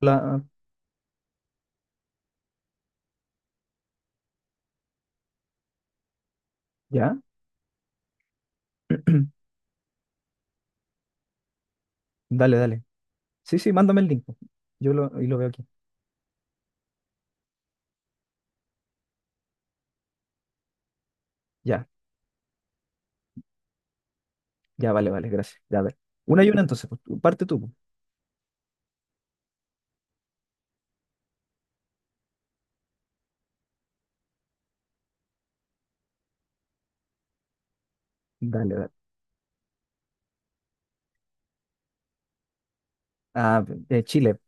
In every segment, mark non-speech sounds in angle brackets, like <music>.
La... ¿Ya? <clears throat> Dale, dale. Sí, sí, mándame el link. Y lo veo aquí. Ya, ya, vale, vale, gracias. Ya, a ver. Una y una entonces, pues, parte tú. Po. Dale, dale. Ah, Chile,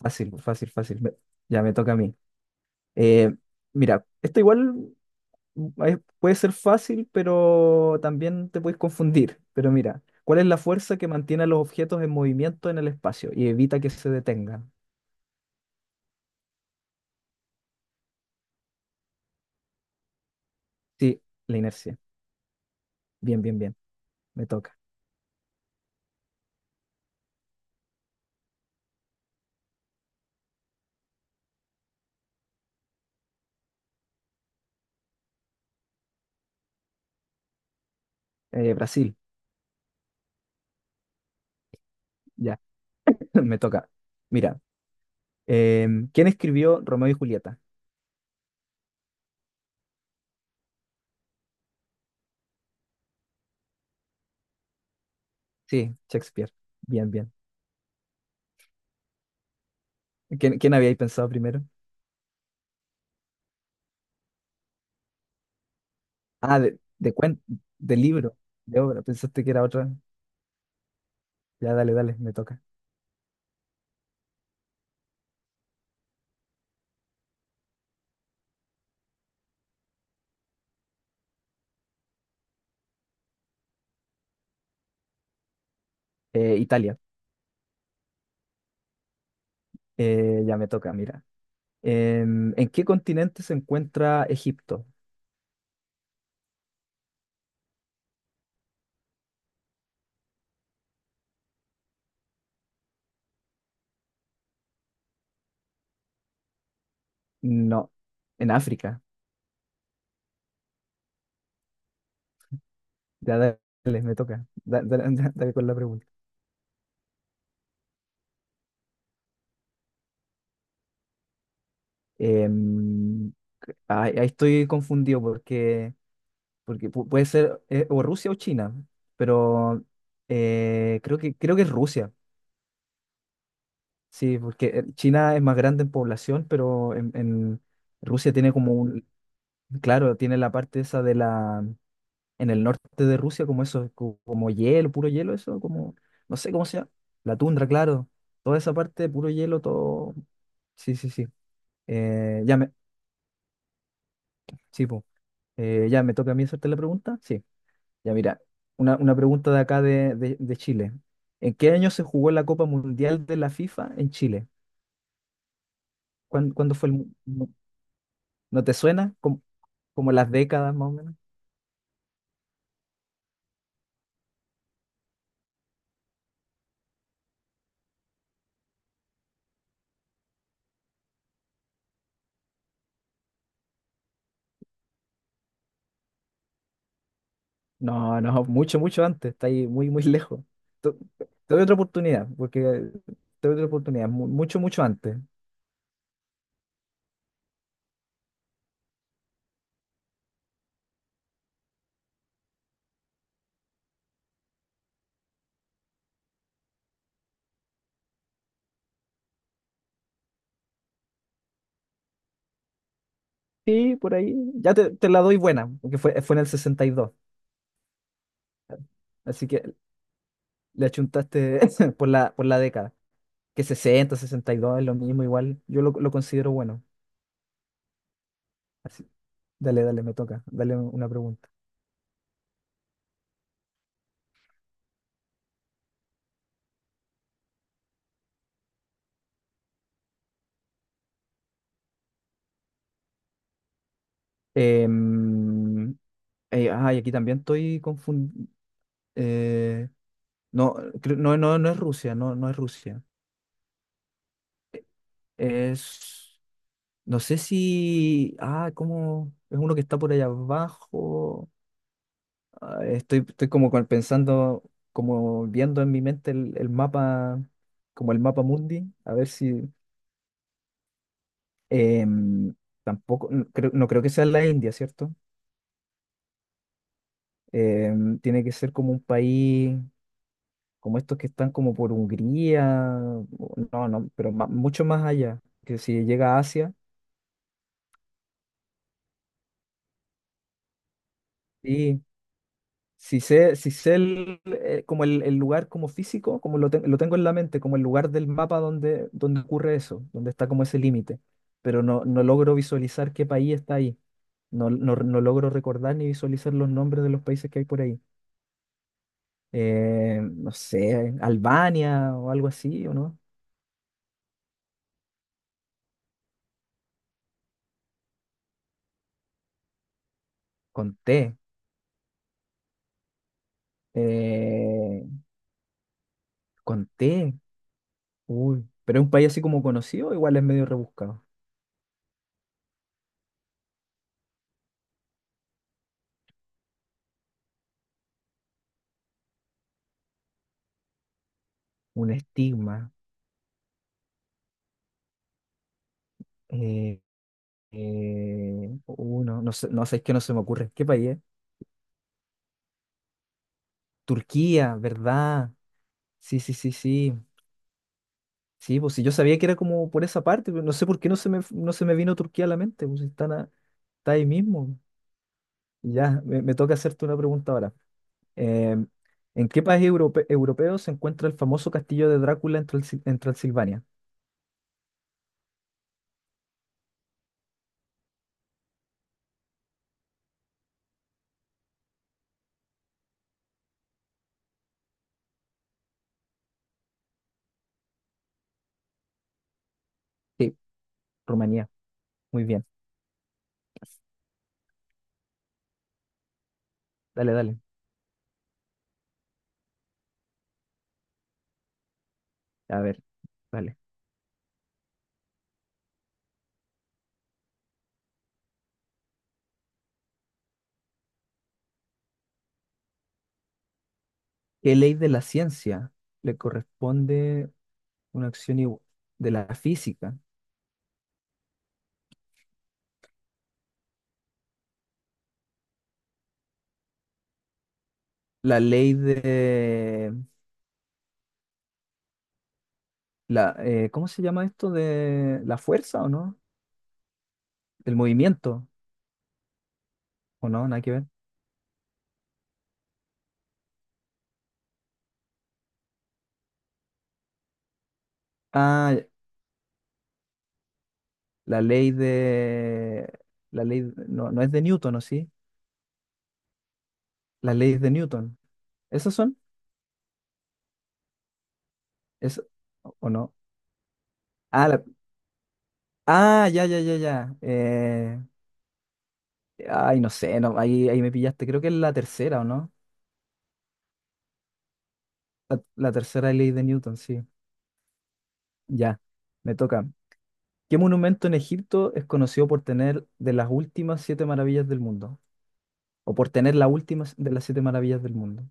fácil, fácil, fácil. Ya me toca a mí. Eh, Mira, esto igual puede ser fácil, pero también te puedes confundir. Pero mira, ¿cuál es la fuerza que mantiene a los objetos en movimiento en el espacio y evita que se detengan? Sí, la inercia. Bien, bien, bien. Me toca. Brasil, ya, <laughs> me toca. Mira. ¿Quién escribió Romeo y Julieta? Sí, Shakespeare. Bien, bien. ¿Quién habíais pensado primero? Ah, de, de libro, de obra. Pensaste que era otra. Ya, dale, dale, me toca. Italia. Ya me toca, mira. ¿En qué continente se encuentra Egipto? No, en África. Ya, dale, me toca. Da- da- da- <laughs> Dale, con la pregunta. Em, ay, ahí estoy confundido porque puede ser o Rusia o China, pero creo que es Rusia, sí, porque China es más grande en población, pero en Rusia tiene como un, claro, tiene la parte esa de la, en el norte de Rusia, como eso, como hielo, puro hielo, eso, como, no sé cómo se llama, la tundra, claro, toda esa parte, puro hielo, todo, sí, sí, sí. Eh, ya me, sí, po. Ya me toca a mí hacerte la pregunta, sí. Ya mira, una pregunta de acá de Chile. ¿En qué año se jugó la Copa Mundial de la FIFA en Chile? ¿Cuándo, fue el... ¿No te suena? ¿Como, como las décadas más o menos? No, no, mucho, mucho antes. Está ahí muy, muy <laughs> lejos. Te, te doy otra oportunidad, porque te doy otra oportunidad. Mucho, mucho antes. Sí, por ahí. Te la doy buena, porque fue en el 62. Así que le achuntaste <laughs> por la década. Que 60 62 es lo mismo, igual. Lo considero bueno. Así dale, me toca. Dale una pregunta. Em, ah, y aquí también estoy confundido. No, no, no, no es Rusia, no, no es Rusia. Es, no sé si, ah, cómo, es uno que está por allá abajo. Ah, estoy como pensando, como viendo en mi mente el mapa, como el mapa mundi, a ver si, em, tampoco, no creo, no creo que sea la India, ¿cierto? Tiene que ser como un país, como estos que están como por Hungría, o- no, no, pero mucho más allá, que si llega a Asia, y si sé, si sé el, como el lugar como físico, como lo, lo tengo en la mente, como el lugar del mapa donde, donde ocurre eso, donde está como ese límite, pero no, no logro visualizar qué país está ahí. No, no, no logro recordar ni visualizar los nombres de los países que hay por ahí. No sé, Albania o algo así, ¿o no? Con T. eh, con T. Uy, pero es un país así como conocido, igual es medio rebuscado. Un estigma. Eh, Uno, no sé, no sé, es que no se me ocurre. ¿Qué país es? Turquía, ¿verdad? Sí, sí, sí, sí. Sí, pues si yo sabía que era como por esa parte, pero no sé por qué no se me vino Turquía a la mente, pues si están está ahí mismo. Ya, me toca hacerte una pregunta ahora. Eh, ¿En qué país europeo se encuentra el famoso castillo de Drácula en en Transilvania? Sí, Rumanía. Muy bien. Dale, dale. A ver, dale. ¿Qué ley de la ciencia le corresponde una de la física? La ley de la ¿cómo se llama esto? ¿De la fuerza o no? Del movimiento o no, nada que ver. Ah, la ley de la ley no, no es de Newton, ¿o sí? Las leyes de Newton. ¿Esas son? ¿Es o no? Ah, la- ah, ya. Ay, no sé, no, ahí, ahí me pillaste. Creo que es la tercera, ¿o no? La tercera ley de Newton, sí. Ya, me toca. ¿Qué monumento en Egipto es conocido por tener de las últimas siete maravillas del mundo? O por tener las últimas de las siete maravillas del mundo.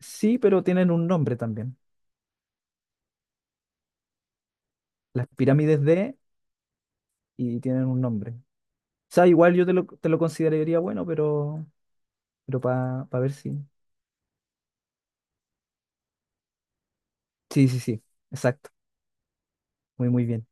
Sí, pero tienen un nombre también. Las pirámides de y tienen un nombre. O sea, igual yo te lo consideraría bueno, pero para ver si. Sí, sí, sí. Exacto. Muy, muy bien.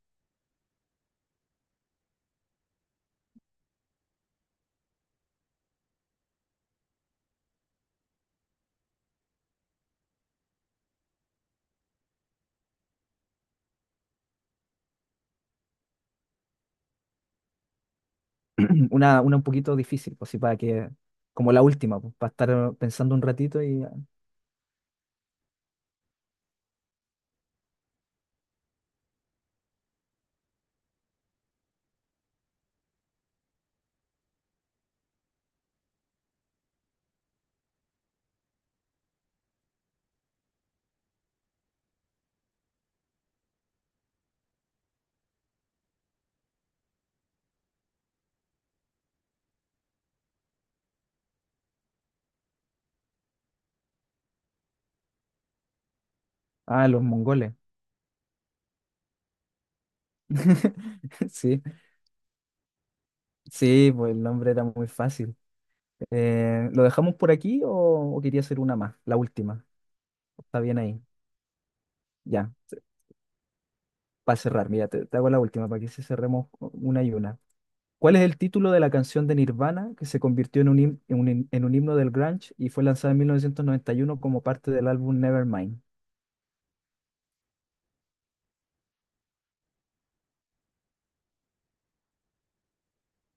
<clears throat> Una un poquito difícil, pues sí, para que. Como la última, pues, para estar pensando un ratito y. Ah, los mongoles. <laughs> Sí. Sí, pues el nombre era muy fácil. ¿Lo dejamos por aquí o quería hacer una más? La última. Está bien ahí. Ya, para cerrar, mira, te hago la última para que se cerremos una y una. ¿Cuál es el título de la canción de Nirvana que se convirtió en un, en un himno del grunge y fue lanzada en 1991 como parte del álbum Nevermind?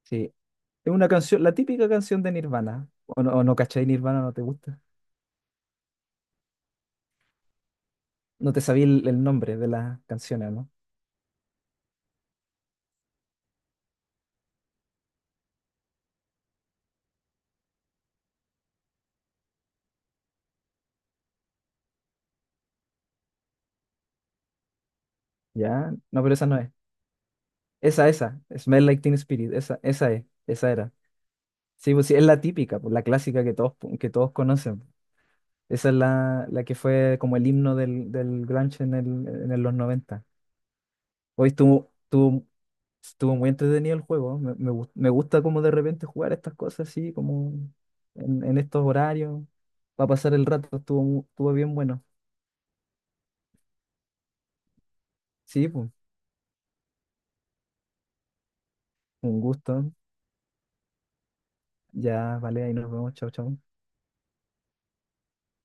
Sí, es una canción, la típica canción de Nirvana. O no cachai Nirvana? ¿No te gusta? No te sabía el nombre de las canciones, ¿no? Ya, no, pero esa no es. Esa, Smell Like Teen Spirit, esa es, esa era. Sí, pues sí, es la típica, pues, la clásica que todos conocen. Esa es la que fue como el himno del, del grunge en los 90. Hoy estuvo muy entretenido el juego, me me gusta como de repente jugar estas cosas así, como en estos horarios, para pasar el rato, estuvo, estuvo bien bueno. Sí, pues, un gusto. Ya, vale, ahí nos vemos, chao, chao.